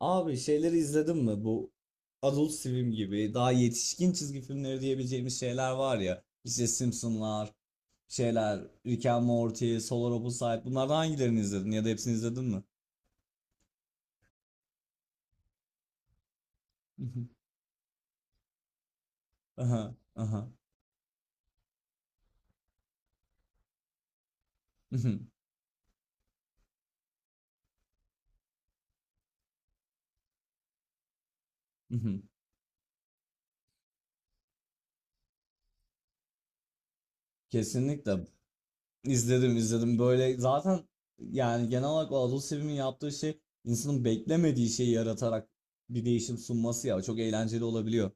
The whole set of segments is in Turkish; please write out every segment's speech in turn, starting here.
Abi şeyleri izledin mi? Bu Adult Swim gibi daha yetişkin çizgi filmleri diyebileceğimiz şeyler var ya. İşte Simpsonlar, şeyler, Rick and Morty, Solar Opposite. Bunlardan hangilerini izledin ya da hepsini izledin mi? Aha, aha. Mhm, mhm. Kesinlikle izledim böyle zaten yani genel olarak o Adult Swim'in yaptığı şey insanın beklemediği şeyi yaratarak bir değişim sunması ya çok eğlenceli olabiliyor.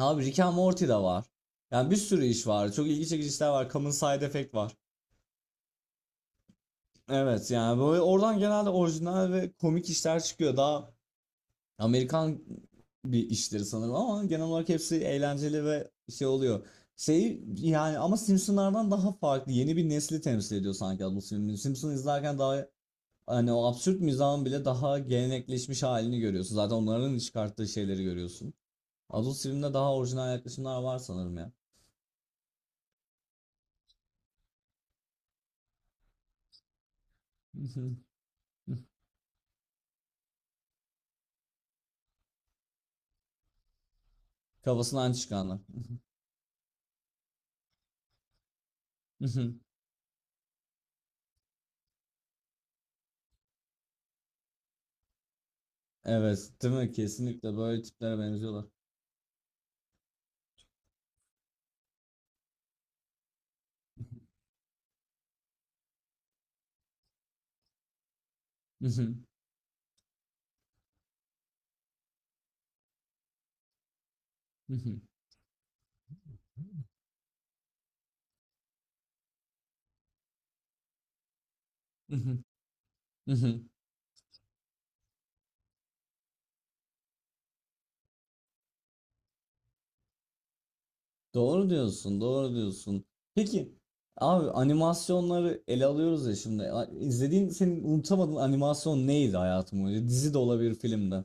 Abi Rick and Morty de var. Yani bir sürü iş var. Çok ilgi çekici işler var. Common Side Effect var. Evet yani böyle oradan genelde orijinal ve komik işler çıkıyor. Daha Amerikan bir işleri sanırım ama genel olarak hepsi eğlenceli ve şey oluyor. Şey yani ama Simpsonlardan daha farklı. Yeni bir nesli temsil ediyor sanki bu Simpson. Simpson izlerken daha hani o absürt mizahın bile daha gelenekleşmiş halini görüyorsun. Zaten onların çıkarttığı şeyleri görüyorsun. Adult Swim'de daha orijinal yaklaşımlar var sanırım ya. Kafasından çıkanlar. Evet, değil mi? Kesinlikle böyle tiplere benziyorlar. Doğru diyorsun, doğru diyorsun. Peki, abi animasyonları ele alıyoruz ya şimdi. A- İzlediğin, senin unutamadığın animasyon neydi hayatım boyunca? Dizi de olabilir, film de.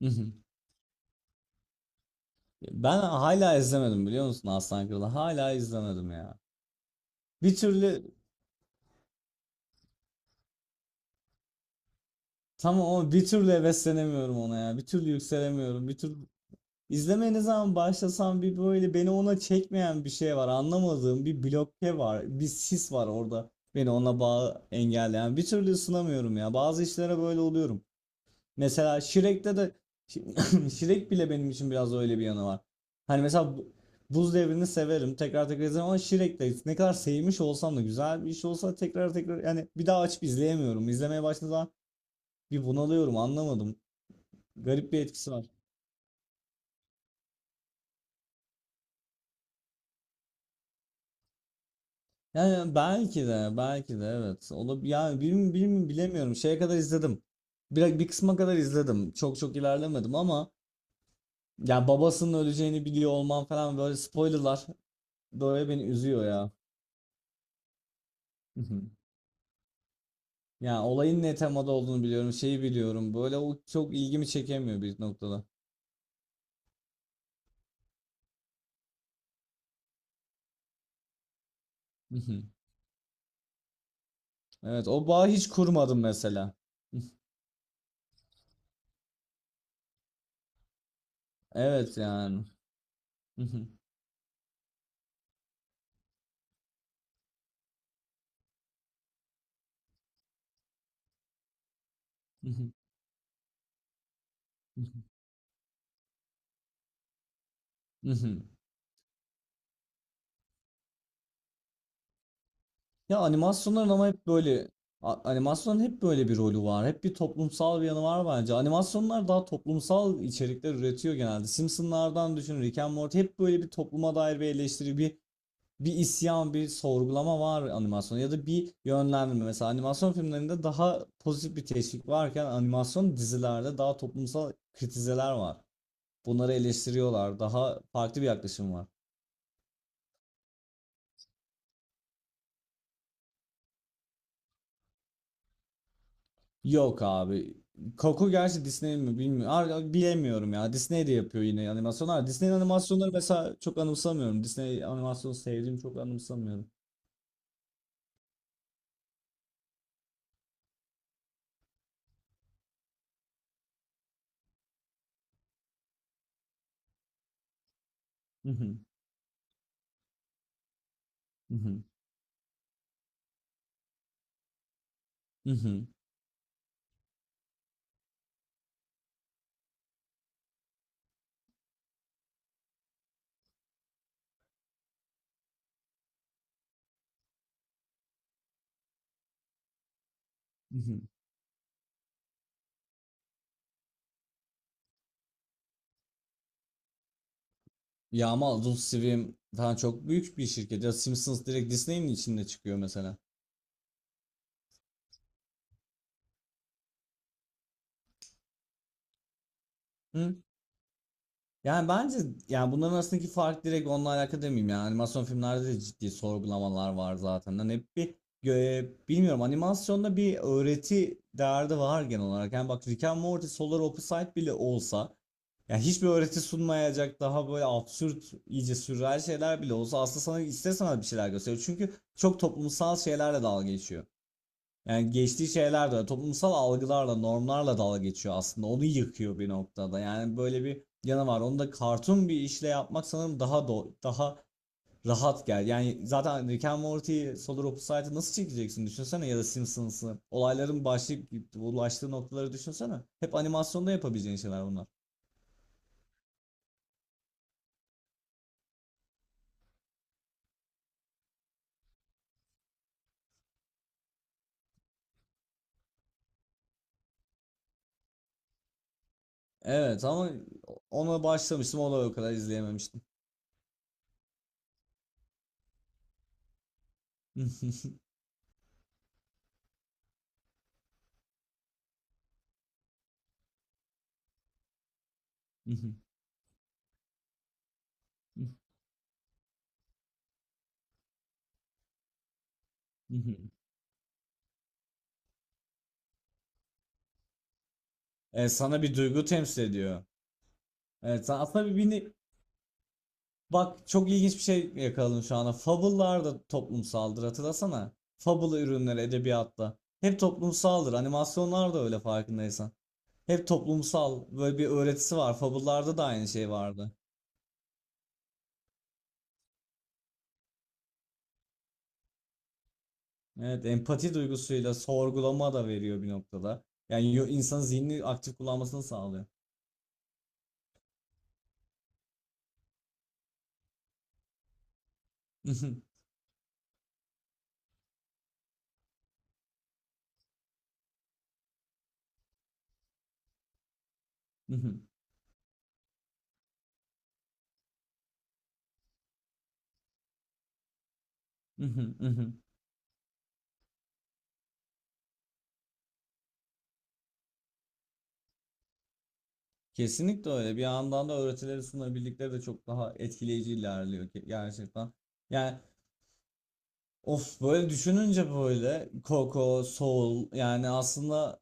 Ben hala izlemedim biliyor musun Aslan Kralı? Hala izlemedim ya. Bir türlü, tamam ama bir türlü heveslenemiyorum ona ya. Bir türlü yükselemiyorum, bir türlü. İzlemeye ne zaman başlasam bir böyle beni ona çekmeyen bir şey var. Anlamadığım bir bloke var. Bir sis var orada. Beni ona bağ engelleyen. Bir türlü ısınamıyorum ya. Bazı işlere böyle oluyorum. Mesela Shrek'te de Shrek bile benim için biraz öyle bir yanı var. Hani mesela bu- Buz Devri'ni severim. Tekrar tekrar izlerim ama Shrek'te ne kadar sevmiş olsam da güzel bir iş olsa tekrar tekrar yani bir daha açıp izleyemiyorum. İzlemeye başladığım zaman bir bunalıyorum. Anlamadım. Garip bir etkisi var. Yani belki de belki de evet. Olab yani bilim, bilim bilemiyorum. Şeye kadar izledim. Bir kısma kadar izledim. Çok çok ilerlemedim ama ya babasının öleceğini biliyor olman falan böyle spoilerlar böyle beni üzüyor ya. Yani olayın ne temada olduğunu biliyorum, şeyi biliyorum. Böyle o çok ilgimi çekemiyor bir noktada. Hı hı. Evet, o bağı hiç kurmadım mesela. Evet yani. Ya animasyonların ama hep böyle a- animasyonun hep böyle bir rolü var. Hep bir toplumsal bir yanı var bence. Animasyonlar daha toplumsal içerikler üretiyor genelde. Simpsonlardan düşün, Rick and Morty hep böyle bir topluma dair bir eleştiri, bir isyan, bir sorgulama var animasyonda ya da bir yönlendirme. Mesela animasyon filmlerinde daha pozitif bir teşvik varken animasyon dizilerde daha toplumsal kritizeler var. Bunları eleştiriyorlar. Daha farklı bir yaklaşım var. Yok abi. Coco gerçi Disney mi bilmiyorum. Abi, bilemiyorum ya. Disney de yapıyor yine animasyonlar. Disney animasyonları mesela çok anımsamıyorum. Disney animasyonu sevdiğimi çok anımsamıyorum. Hı hı, hı hı, hı hı, hı hı. Ya ama Adult Swim falan çok büyük bir şirket. Ya Simpsons direkt Disney'in içinde çıkıyor mesela. Yani bence yani bunların arasındaki fark direkt onunla alakalı demeyeyim yani animasyon filmlerde de ciddi sorgulamalar var zaten. Hani hep bir gö- bilmiyorum animasyonda bir öğreti derdi var genel olarak. Yani bak Rick and Morty Solar Opposite bile olsa yani hiçbir öğreti sunmayacak daha böyle absürt iyice sürreal şeyler bile olsa aslında sana ister sana bir şeyler gösteriyor. Çünkü çok toplumsal şeylerle dalga geçiyor. Yani geçtiği şeyler de toplumsal algılarla, normlarla dalga geçiyor aslında. Onu yıkıyor bir noktada. Yani böyle bir yanı var. Onu da kartun bir işle yapmak sanırım daha do- daha rahat gel. Yani zaten Rick and Morty, Solar Opposite'ı nasıl çekeceksin düşünsene ya da Simpsons'ı. Olayların başlayıp ulaştığı noktaları düşünsene. Hep animasyonda yapabileceğin şeyler bunlar. Evet ama ona başlamıştım o da o kadar izleyememiştim. Sana bir duygu temsil ediyor. Evet, sen aslında bir ne- Bak çok ilginç bir şey yakaladım şu anda. Fable'lar da toplumsaldır hatırlasana. Fable ürünleri edebiyatta. Hep toplumsaldır. Animasyonlar da öyle farkındaysan. Hep toplumsal böyle bir öğretisi var. Fable'larda da aynı şey vardı. Evet empati duygusuyla sorgulama da veriyor bir noktada. Yani yo- insanın zihnini aktif kullanmasını sağlıyor. Kesinlikle öyle. Bir yandan da öğretileri sunabildikleri de çok daha etkileyici ilerliyor ki gerçekten. Yani Of böyle düşününce böyle Coco, Soul yani aslında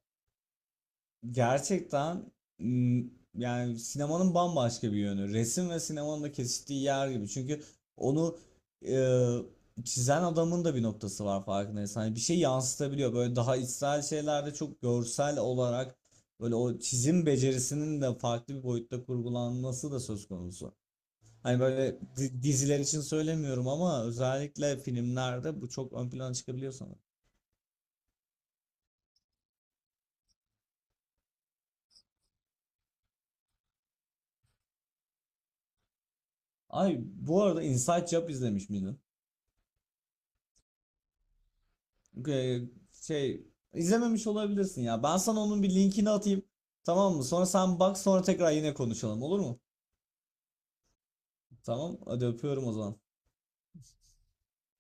gerçekten m, yani sinemanın bambaşka bir yönü. Resim ve sinemanın da kesiştiği yer gibi. Çünkü onu çizen adamın da bir noktası var farkındaysan. Hani bir şey yansıtabiliyor. Böyle daha içsel şeylerde çok görsel olarak böyle o çizim becerisinin de farklı bir boyutta kurgulanması da söz konusu. Hani böyle di- diziler için söylemiyorum ama özellikle filmlerde bu çok ön plana çıkabiliyor sanırım. Ay bu arada Inside Job izlemiş miydin? Ee, şey izlememiş olabilirsin ya. Ben sana onun bir linkini atayım. Tamam mı? Sonra sen bak sonra tekrar yine konuşalım olur mu? Tamam. Hadi öpüyorum o zaman.